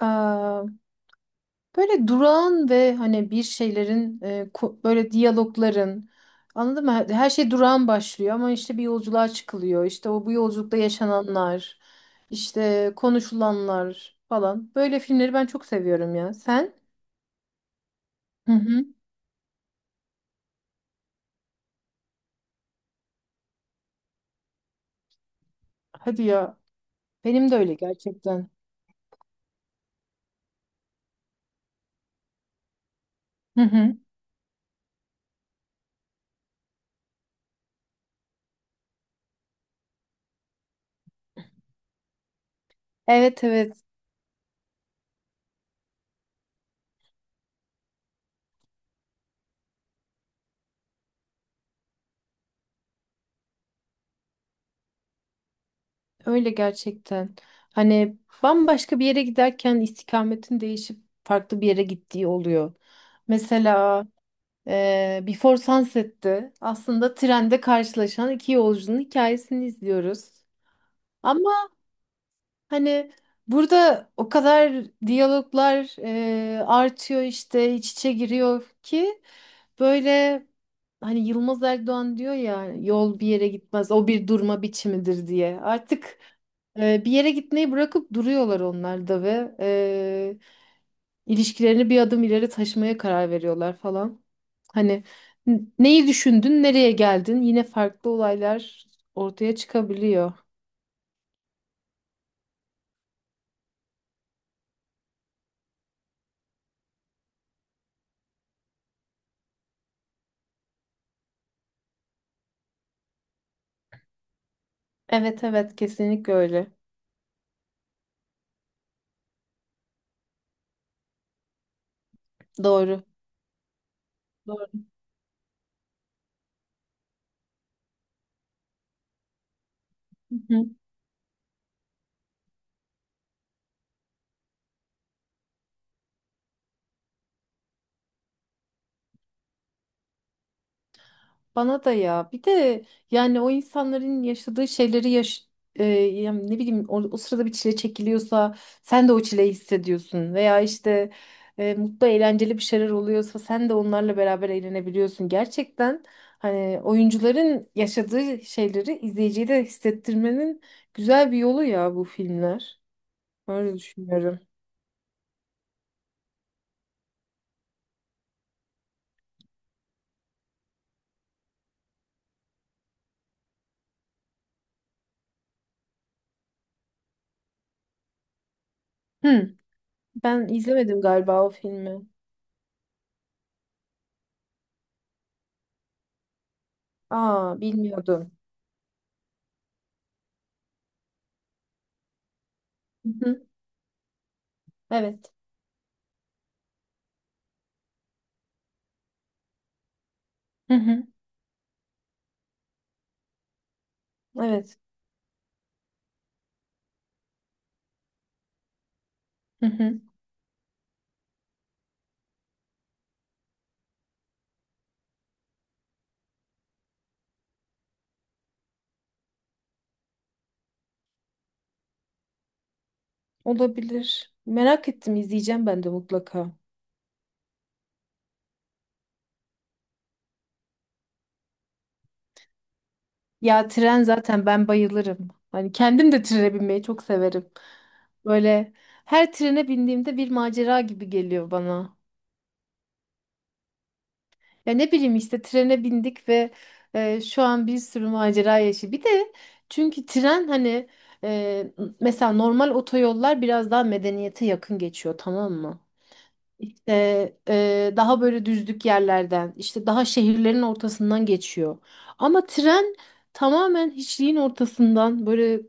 Eee, böyle durağan ve hani bir şeylerin böyle diyalogların anladın mı? Her şey durağan başlıyor ama işte bir yolculuğa çıkılıyor. İşte o bu yolculukta yaşananlar, işte konuşulanlar falan. Böyle filmleri ben çok seviyorum ya. Sen? Hı hı. Hadi ya. Benim de öyle gerçekten. Hı hı. Evet evet. Öyle gerçekten. Hani bambaşka bir yere giderken istikametin değişip farklı bir yere gittiği oluyor. Mesela Before Sunset'ti. Aslında trende karşılaşan iki yolcunun hikayesini izliyoruz. Ama hani burada o kadar diyaloglar artıyor işte iç içe giriyor ki böyle hani Yılmaz Erdoğan diyor ya yol bir yere gitmez o bir durma biçimidir diye. Artık bir yere gitmeyi bırakıp duruyorlar onlar da ve İlişkilerini bir adım ileri taşımaya karar veriyorlar falan. Hani neyi düşündün, nereye geldin? Yine farklı olaylar ortaya çıkabiliyor. Evet evet kesinlikle öyle. Doğru. Doğru. Bana da ya bir de yani o insanların yaşadığı şeyleri yani ne bileyim o sırada bir çile çekiliyorsa sen de o çileyi hissediyorsun veya işte mutlu eğlenceli bir şeyler oluyorsa sen de onlarla beraber eğlenebiliyorsun. Gerçekten hani oyuncuların yaşadığı şeyleri izleyiciye de hissettirmenin güzel bir yolu ya bu filmler. Öyle düşünüyorum. Hı, ben izlemedim galiba o filmi. Aa bilmiyordum. Hı hı, evet. Hı hı, evet. Hı hı. Olabilir. Merak ettim izleyeceğim ben de mutlaka. Ya tren zaten ben bayılırım. Hani kendim de trene binmeyi çok severim. Böyle her trene bindiğimde bir macera gibi geliyor bana. Ya ne bileyim işte trene bindik ve şu an bir sürü macera yaşı. Bir de çünkü tren hani e, mesela normal otoyollar biraz daha medeniyete yakın geçiyor tamam mı? İşte daha böyle düzlük yerlerden, işte daha şehirlerin ortasından geçiyor. Ama tren tamamen hiçliğin ortasından böyle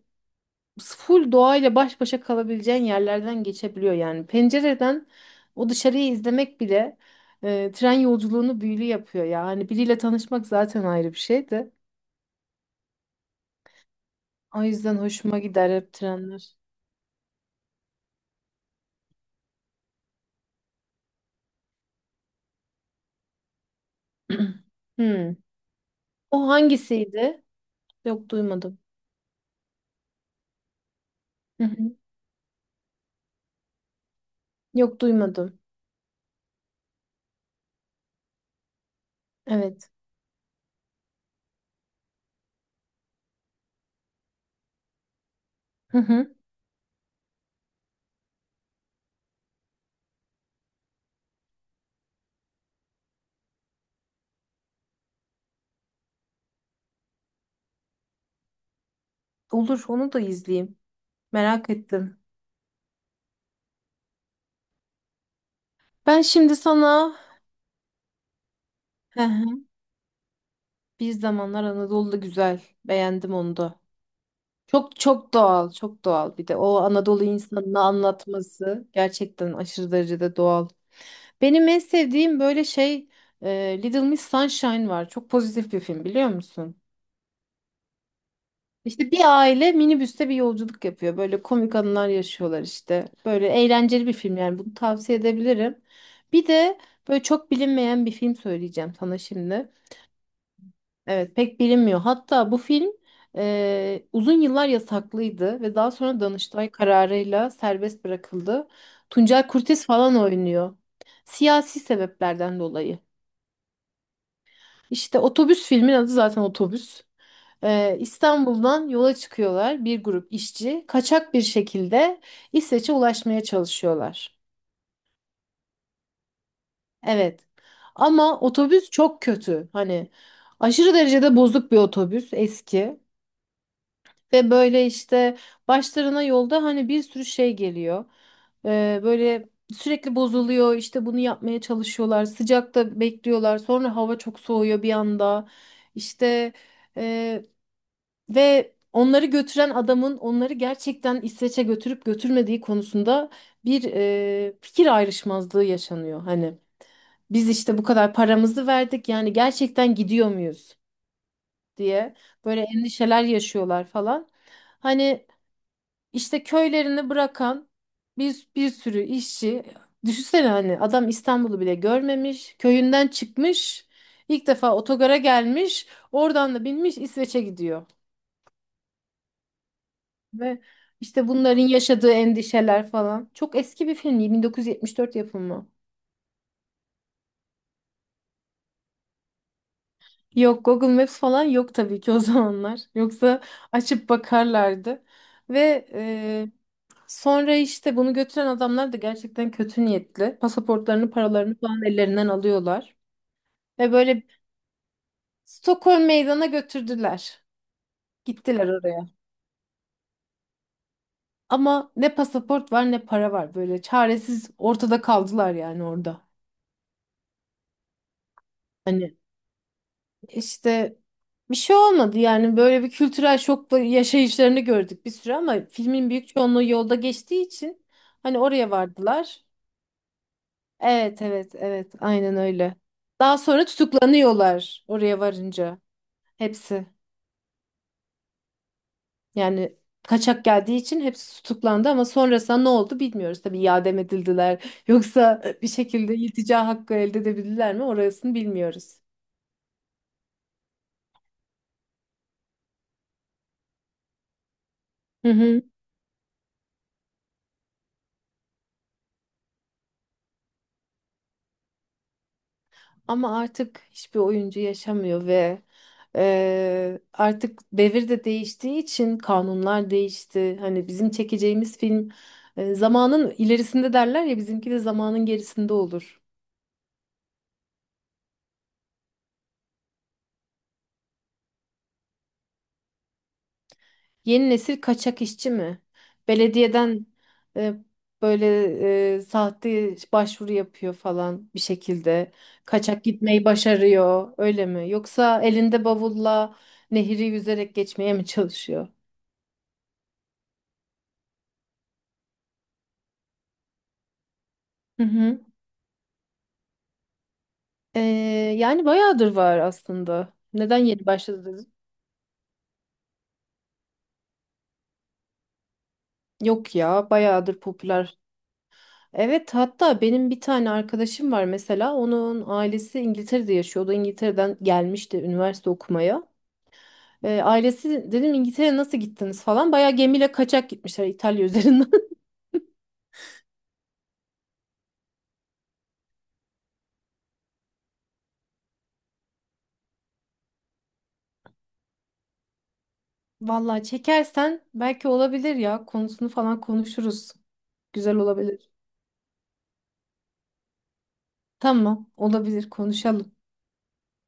full doğayla baş başa kalabileceğin yerlerden geçebiliyor yani. Pencereden o dışarıyı izlemek bile tren yolculuğunu büyülü yapıyor ya. Hani biriyle tanışmak zaten ayrı bir şeydi. O yüzden hoşuma gider hep trenler. Hmm. O hangisiydi? Yok duymadım. Hı hı. Yok duymadım. Evet. Hı hı. Olur, onu da izleyeyim. Merak ettim. Ben şimdi sana hı hı. Bir Zamanlar Anadolu'da güzel. Beğendim onu da. Çok çok doğal, çok doğal. Bir de o Anadolu insanını anlatması gerçekten aşırı derecede doğal. Benim en sevdiğim böyle Little Miss Sunshine var. Çok pozitif bir film biliyor musun? İşte bir aile minibüste bir yolculuk yapıyor. Böyle komik anılar yaşıyorlar işte. Böyle eğlenceli bir film yani bunu tavsiye edebilirim. Bir de böyle çok bilinmeyen bir film söyleyeceğim sana şimdi. Evet pek bilinmiyor. Hatta bu film uzun yıllar yasaklıydı ve daha sonra Danıştay kararıyla serbest bırakıldı. Tuncel Kurtiz falan oynuyor. Siyasi sebeplerden dolayı. İşte otobüs filmin adı zaten otobüs. İstanbul'dan yola çıkıyorlar bir grup işçi. Kaçak bir şekilde İsveç'e ulaşmaya çalışıyorlar. Evet. Ama otobüs çok kötü. Hani aşırı derecede bozuk bir otobüs eski. Ve böyle işte başlarına yolda hani bir sürü şey geliyor. Böyle sürekli bozuluyor. İşte bunu yapmaya çalışıyorlar. Sıcakta bekliyorlar. Sonra hava çok soğuyor bir anda. İşte... Ee, ve onları götüren adamın onları gerçekten İsveç'e götürüp götürmediği konusunda bir fikir ayrışmazlığı yaşanıyor. Hani biz işte bu kadar paramızı verdik yani gerçekten gidiyor muyuz diye böyle endişeler yaşıyorlar falan. Hani işte köylerini bırakan bir sürü işçi düşünsene hani adam İstanbul'u bile görmemiş köyünden çıkmış ilk defa otogara gelmiş oradan da binmiş İsveç'e gidiyor. Ve işte bunların yaşadığı endişeler falan. Çok eski bir film değil, 1974 yapımı. Yok Google Maps falan yok tabii ki o zamanlar. Yoksa açıp bakarlardı. Ve sonra işte bunu götüren adamlar da gerçekten kötü niyetli. Pasaportlarını, paralarını falan ellerinden alıyorlar. Ve böyle Stockholm meydana götürdüler. Gittiler oraya. Ama ne pasaport var ne para var. Böyle çaresiz ortada kaldılar yani orada. Hani İşte bir şey olmadı yani böyle bir kültürel şokla yaşayışlarını gördük bir süre ama filmin büyük çoğunluğu yolda geçtiği için hani oraya vardılar. Evet evet evet aynen öyle. Daha sonra tutuklanıyorlar oraya varınca hepsi. Yani kaçak geldiği için hepsi tutuklandı ama sonrasında ne oldu bilmiyoruz. Tabii iade mi edildiler yoksa bir şekilde iltica hakkı elde edebildiler mi orasını bilmiyoruz. Hı hı. Ama artık hiçbir oyuncu yaşamıyor ve artık devir de değiştiği için kanunlar değişti. Hani bizim çekeceğimiz film zamanın ilerisinde derler ya bizimki de zamanın gerisinde olur. Yeni nesil kaçak işçi mi? Belediyeden e, böyle sahte başvuru yapıyor falan bir şekilde. Kaçak gitmeyi başarıyor öyle mi? Yoksa elinde bavulla nehri yüzerek geçmeye mi çalışıyor? Hı hı. Ee, yani bayağıdır var aslında. Neden yeni başladı dedin? Yok ya, bayağıdır popüler. Evet, hatta benim bir tane arkadaşım var mesela. Onun ailesi İngiltere'de yaşıyordu. İngiltere'den gelmişti üniversite okumaya. Ailesi dedim İngiltere'ye nasıl gittiniz falan. Bayağı gemiyle kaçak gitmişler İtalya üzerinden. Vallahi çekersen belki olabilir ya. Konusunu falan konuşuruz. Güzel olabilir. Tamam, olabilir. Konuşalım.